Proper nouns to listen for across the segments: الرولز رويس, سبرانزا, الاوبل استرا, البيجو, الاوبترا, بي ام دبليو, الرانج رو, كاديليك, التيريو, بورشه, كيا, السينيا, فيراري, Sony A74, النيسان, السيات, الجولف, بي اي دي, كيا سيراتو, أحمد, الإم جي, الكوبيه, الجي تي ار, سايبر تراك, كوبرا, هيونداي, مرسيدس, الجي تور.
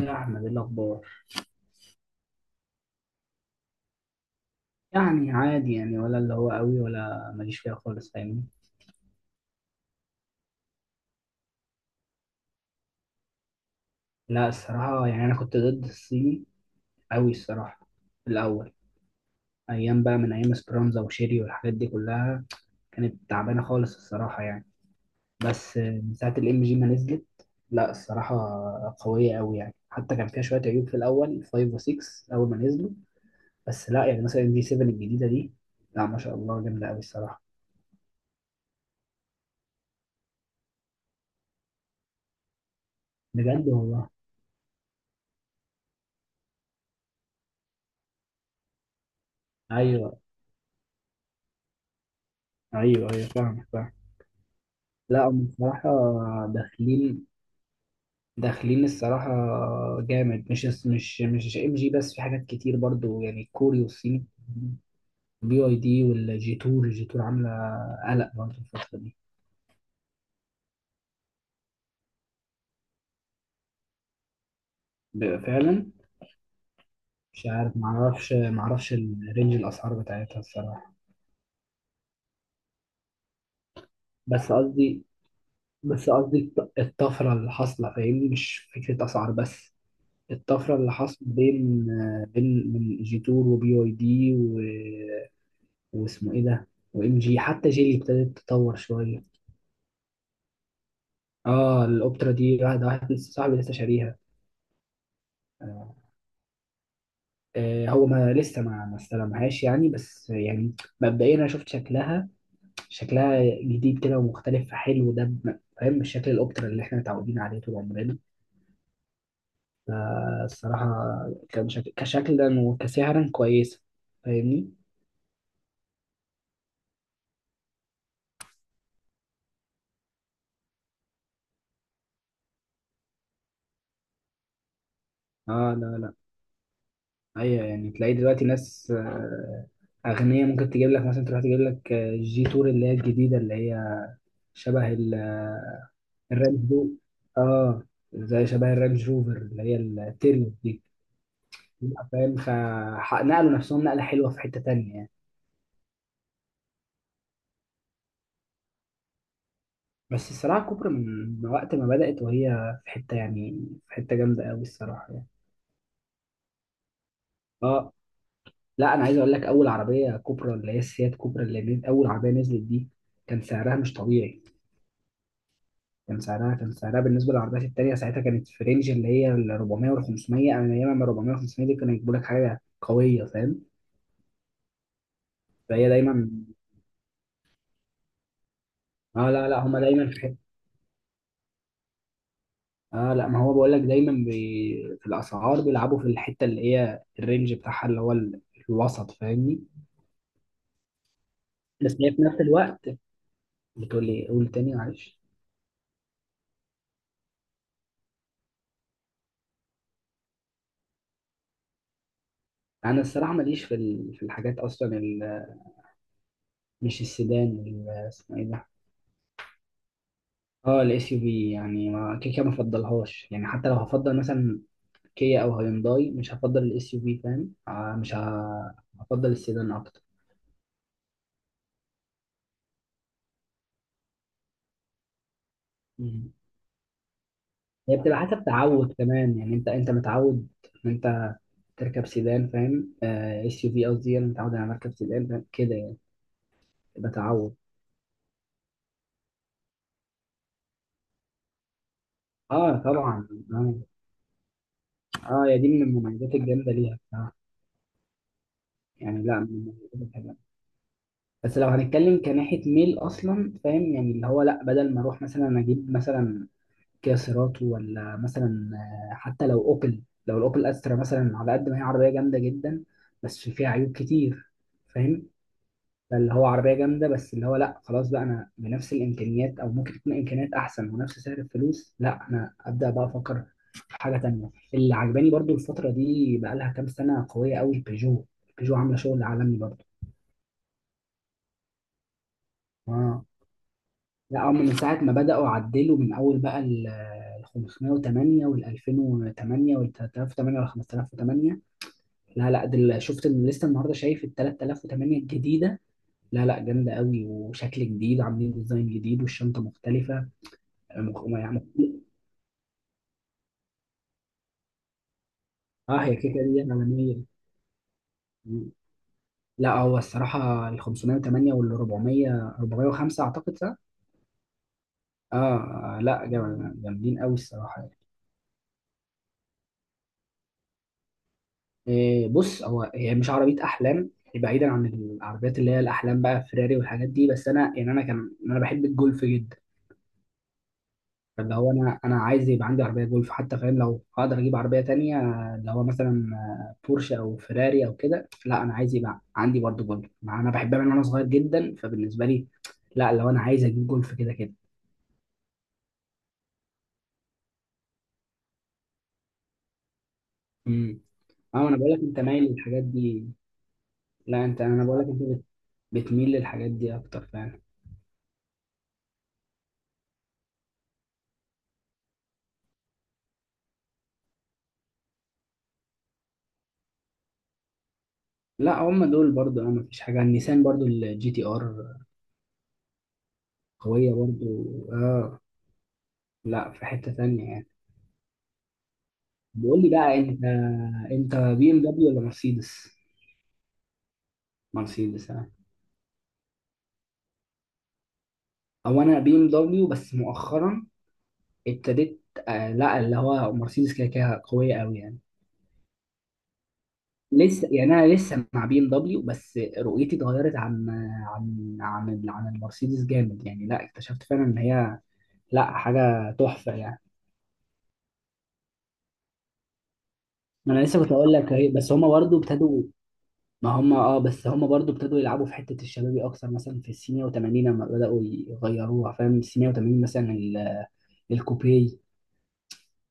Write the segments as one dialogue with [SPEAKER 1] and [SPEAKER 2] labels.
[SPEAKER 1] يا أحمد إيه الأخبار؟ يعني عادي يعني ولا اللي هو قوي ولا ماليش فيها خالص فاهمني. لا الصراحة يعني أنا كنت ضد الصيني قوي الصراحة في الأول، أيام بقى من أيام سبرانزا وشيري والحاجات دي كلها كانت تعبانة خالص الصراحة يعني. بس من ساعة الإم جي ما نزلت، لا الصراحة قوية قوي يعني، حتى كان فيها شوية عيوب في الأول 5 و6 أول ما نزلوا، بس لا يعني مثلا دي 7 الجديدة دي، لا ما شاء الله جامدة قوي الصراحة. بجد والله. أيوه، أيوه أيوه، فاهمك فاهمك. لا هم بصراحة داخلين، الصراحة جامد، مش ام جي بس، في حاجات كتير برضو يعني الكوري والصيني. بي اي دي والجي تور، الجي تور عاملة قلق برضو الفترة دي. فعلا. مش عارف، معرفش الرينج الأسعار بتاعتها الصراحة. بس قصدي بس قصدي الطفرة اللي حاصلة فاهمني، مش فكرة أسعار بس، الطفرة اللي حاصلة بين، من جي تور وبي اي دي واسمه ايه ده وام جي، حتى جيلي ابتدت تتطور شويه. اه الاوبترا دي، واحد لسه صاحبي لسه شاريها. آه، هو ما لسه، ما استلمهاش يعني، بس يعني مبدئيا انا شفت شكلها، شكلها جديد كده ومختلف فحلو ده، فاهم، مش شكل الاوبترا اللي احنا متعودين عليه طول عمرنا. فالصراحه كان شكل كشكلا وكسعرا كويسه فاهمني. اه لا لا. ايوه يعني تلاقي دلوقتي ناس، أغنية ممكن تجيب لك مثلا، تروح تجيب لك، جي تور اللي هي الجديدة اللي هي شبه الرانج اه، زي شبه الرانج روفر اللي هي التيريو دي. لا، فاهم، نقلوا نفسهم نقلة حلوة في حتة تانية يعني. بس الصراحة كوبرا من وقت ما بدأت وهي في حتة، يعني في حتة جامدة قوي الصراحة يعني. اه لا، أنا عايز أقول لك، أول عربية كوبرا اللي هي السيات كوبرا اللي أول عربية نزلت دي، كان سعرها مش طبيعي، كان سعرها بالنسبة للعربيات التانية ساعتها، كانت في رينج اللي هي ال 400 وال 500. أنا أيام ما 400 وال 500 دي كانوا يجيبوا لك حاجة قوية فاهم. فهي دايما، اه لا لا، هما دايما في حته. اه لا، ما هو بقول لك دايما في الاسعار بيلعبوا في الحته اللي هي الرينج بتاعها اللي هو الوسط فاهمني. بس هي في نفس الوقت، بتقول لي قول تاني معلش. انا الصراحه ماليش في في الحاجات اصلا مش السيدان اسمه ايه ده، اه الاس يو في. يعني ما كده كده ما بفضلهاش يعني، حتى لو هفضل مثلا كيا او هيونداي مش هفضل الاس يو في فاهم، آه مش هفضل السيدان اكتر. مم. هي بتبقى حسب تعود كمان يعني، انت متعود ان انت تركب سيدان فاهم؟ اس يو في قصدي، انا متعود على مركب سيدان فاهم؟ كده يعني. بتعود. اه طبعا اه. اه يا دي من المميزات الجامده ليها بصراحه، يعني لا من المميزات الحلوه، بس لو هنتكلم كناحيه ميل اصلا فاهم، يعني اللي هو لا بدل ما اروح مثلا اجيب مثلا كيا سيراتو ولا مثلا، حتى لو اوبل، لو الاوبل استرا مثلا، على قد ما هي عربيه جامده جدا بس فيها عيوب كتير فاهم، فاللي هو عربية جامدة، بس اللي هو لا خلاص بقى، أنا بنفس الإمكانيات أو ممكن تكون إمكانيات أحسن ونفس سعر الفلوس، لا أنا أبدأ بقى أفكر في حاجة تانية. اللي عجباني برضو الفترة دي بقى لها كام سنة قوية قوي، البيجو، البيجو عاملة شغل عالمي برضو. آه لا، هم من ساعة ما بدأوا عدلوا من أول بقى ال 508 وال 2008 وال 3008 وال 5008. لا لا، شفت لسه النهارده شايف ال 3008 الجديدة، لا لا جامدة قوي وشكل جديد، عاملين ديزاين جديد والشنطة مختلفة، يعني. اه هي كيكه دي عالميه. مم. لا هو الصراحه ال 508 وال 400، 405 اعتقد صح؟ اه. لا جامدين قوي الصراحه يعني. إيه بص، هو هي مش عربيه احلام، بعيدا عن العربيات اللي هي الاحلام بقى فيراري والحاجات دي، بس انا يعني، انا بحب الجولف جدا. فاللي هو انا عايز يبقى عندي عربيه جولف حتى فاهم، لو هقدر اجيب عربيه تانية اللي هو مثلا، بورشه او فيراري او كده، لا انا عايز يبقى عندي برضو جولف، مع انا بحبها من وانا صغير جدا، فبالنسبه لي، لا لو انا عايز اجيب جولف كده كده. امم اه انا بقول لك انت مايل للحاجات دي. لا انت، انا بقول لك انت بتميل للحاجات دي اكتر فعلا. لا هم دول برضو اه، مفيش حاجه، النيسان برضو الجي تي ار قويه برضو. اه، لا في حته تانية يعني. بقول لي بقى، انت، انت بي ام دبليو ولا مرسيدس؟ مرسيدس آه. او انا بي ام دبليو، بس مؤخرا ابتديت، آه لا اللي هو مرسيدس كده كده قويه قوي يعني. لسه يعني، انا لسه مع بي ام دبليو بس رؤيتي اتغيرت عن، عن عن المرسيدس جامد يعني، لا اكتشفت فعلا ان هي لا حاجه تحفه يعني. ما انا لسه كنت اقول لك اهي، بس هما برضو ابتدوا، ما هما اه، بس هما برضو ابتدوا يلعبوا في حته الشبابي اكتر، مثلا في السينيا و80، لما بداوا يغيروها فاهم، السينيا و80 مثلا الكوبيه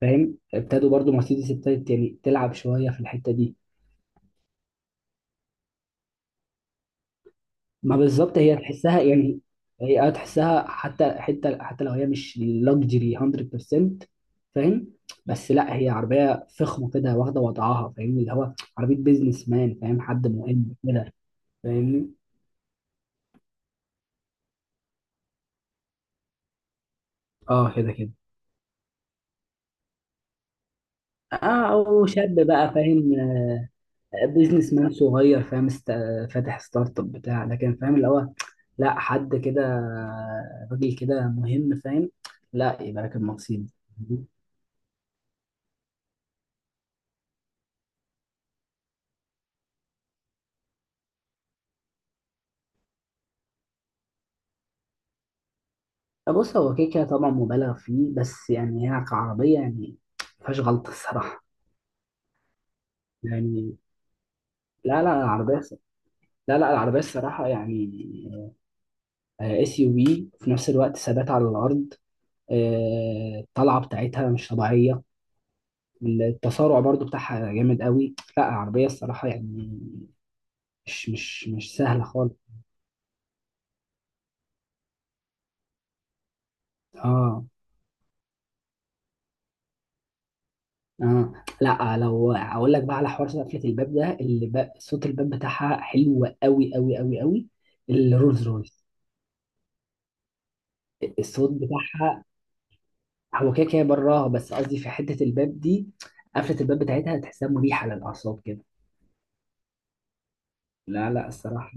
[SPEAKER 1] فاهم، ابتدوا برضو، مرسيدس ابتدت يعني تلعب شويه في الحته دي. ما بالظبط هي تحسها يعني. هي اه تحسها، حتى لو هي مش لوكسجري 100% فاهم، بس لا هي عربيه فخمه كده واخده وضعها فاهمني، اللي هو عربيه بيزنس مان، فاهم حد مهم كده فاهمني. اه كده كده. اه او شاب بقى فاهم، بيزنس مان صغير، فاهم فاتح ستارت اب بتاع، لكن فاهم اللي هو لا حد كده، راجل كده مهم فاهم، لا يبقى راكب مرسيدس. بص، هو كده كده طبعا مبالغ فيه، بس يعني هي كعربية يعني مفيهاش غلطة الصراحة يعني، لا لا العربية، لا لا العربية الصراحة يعني اس يو في في نفس الوقت، ثبات على الأرض، الطلعة بتاعتها مش طبيعية، التسارع برضو بتاعها جامد قوي، لا العربية الصراحة يعني مش سهل خالص. اه. اه لا، لو اقول لك بقى على حوار قفله الباب ده، اللي بقى صوت الباب بتاعها حلو قوي قوي قوي قوي، الرولز رويس. الصوت بتاعها، هو كده كده براها، بس قصدي في حته الباب دي، قفله الباب بتاعتها تحسها مريحه للاعصاب كده. لا لا الصراحه.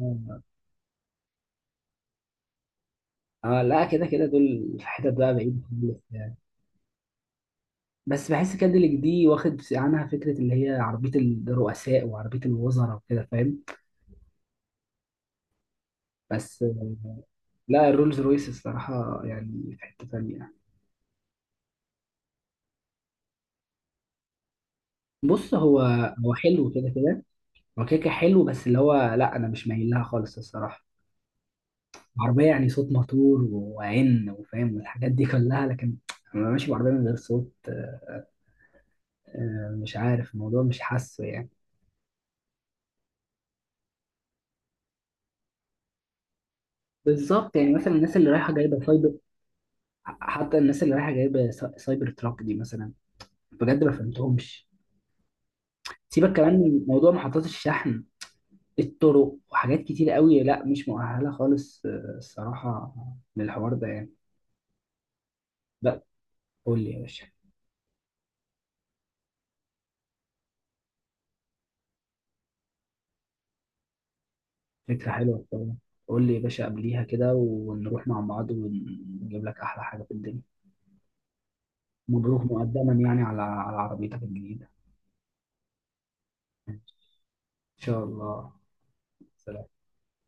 [SPEAKER 1] اه لا كده كده دول في حتت بقى بعيد خالص يعني. بس بحس كادليك دي واخد عنها فكره اللي هي عربيه الرؤساء وعربيه الوزراء وكده فاهم. بس لا الرولز رويس الصراحة يعني في حتة تانية. بص هو، هو حلو كده كده، هو كده كده حلو، بس اللي هو لا أنا مش مايل لها خالص الصراحة. عربية يعني صوت موتور وعن وفاهم والحاجات دي كلها، لكن أنا ماشي بعربية من غير صوت، مش عارف، الموضوع مش حاسه يعني. بالظبط، يعني مثلا الناس اللي رايحة جايبة سايبر، حتى الناس اللي رايحة جايبة سايبر تراك دي مثلا، بجد ما فهمتهمش. سيبك كمان من موضوع محطات الشحن، الطرق وحاجات كتير قوي، لا مش مؤهلة خالص الصراحة، للحوار ده يعني. لا، قول لي يا باشا. فكرة حلوة طبعا، قول لي يا باشا قبليها كده، ونروح مع بعض ونجيب لك أحلى حاجة في الدنيا. مبروك مقدما يعني على، عربيتك الجديدة. إن شاء الله. سلام.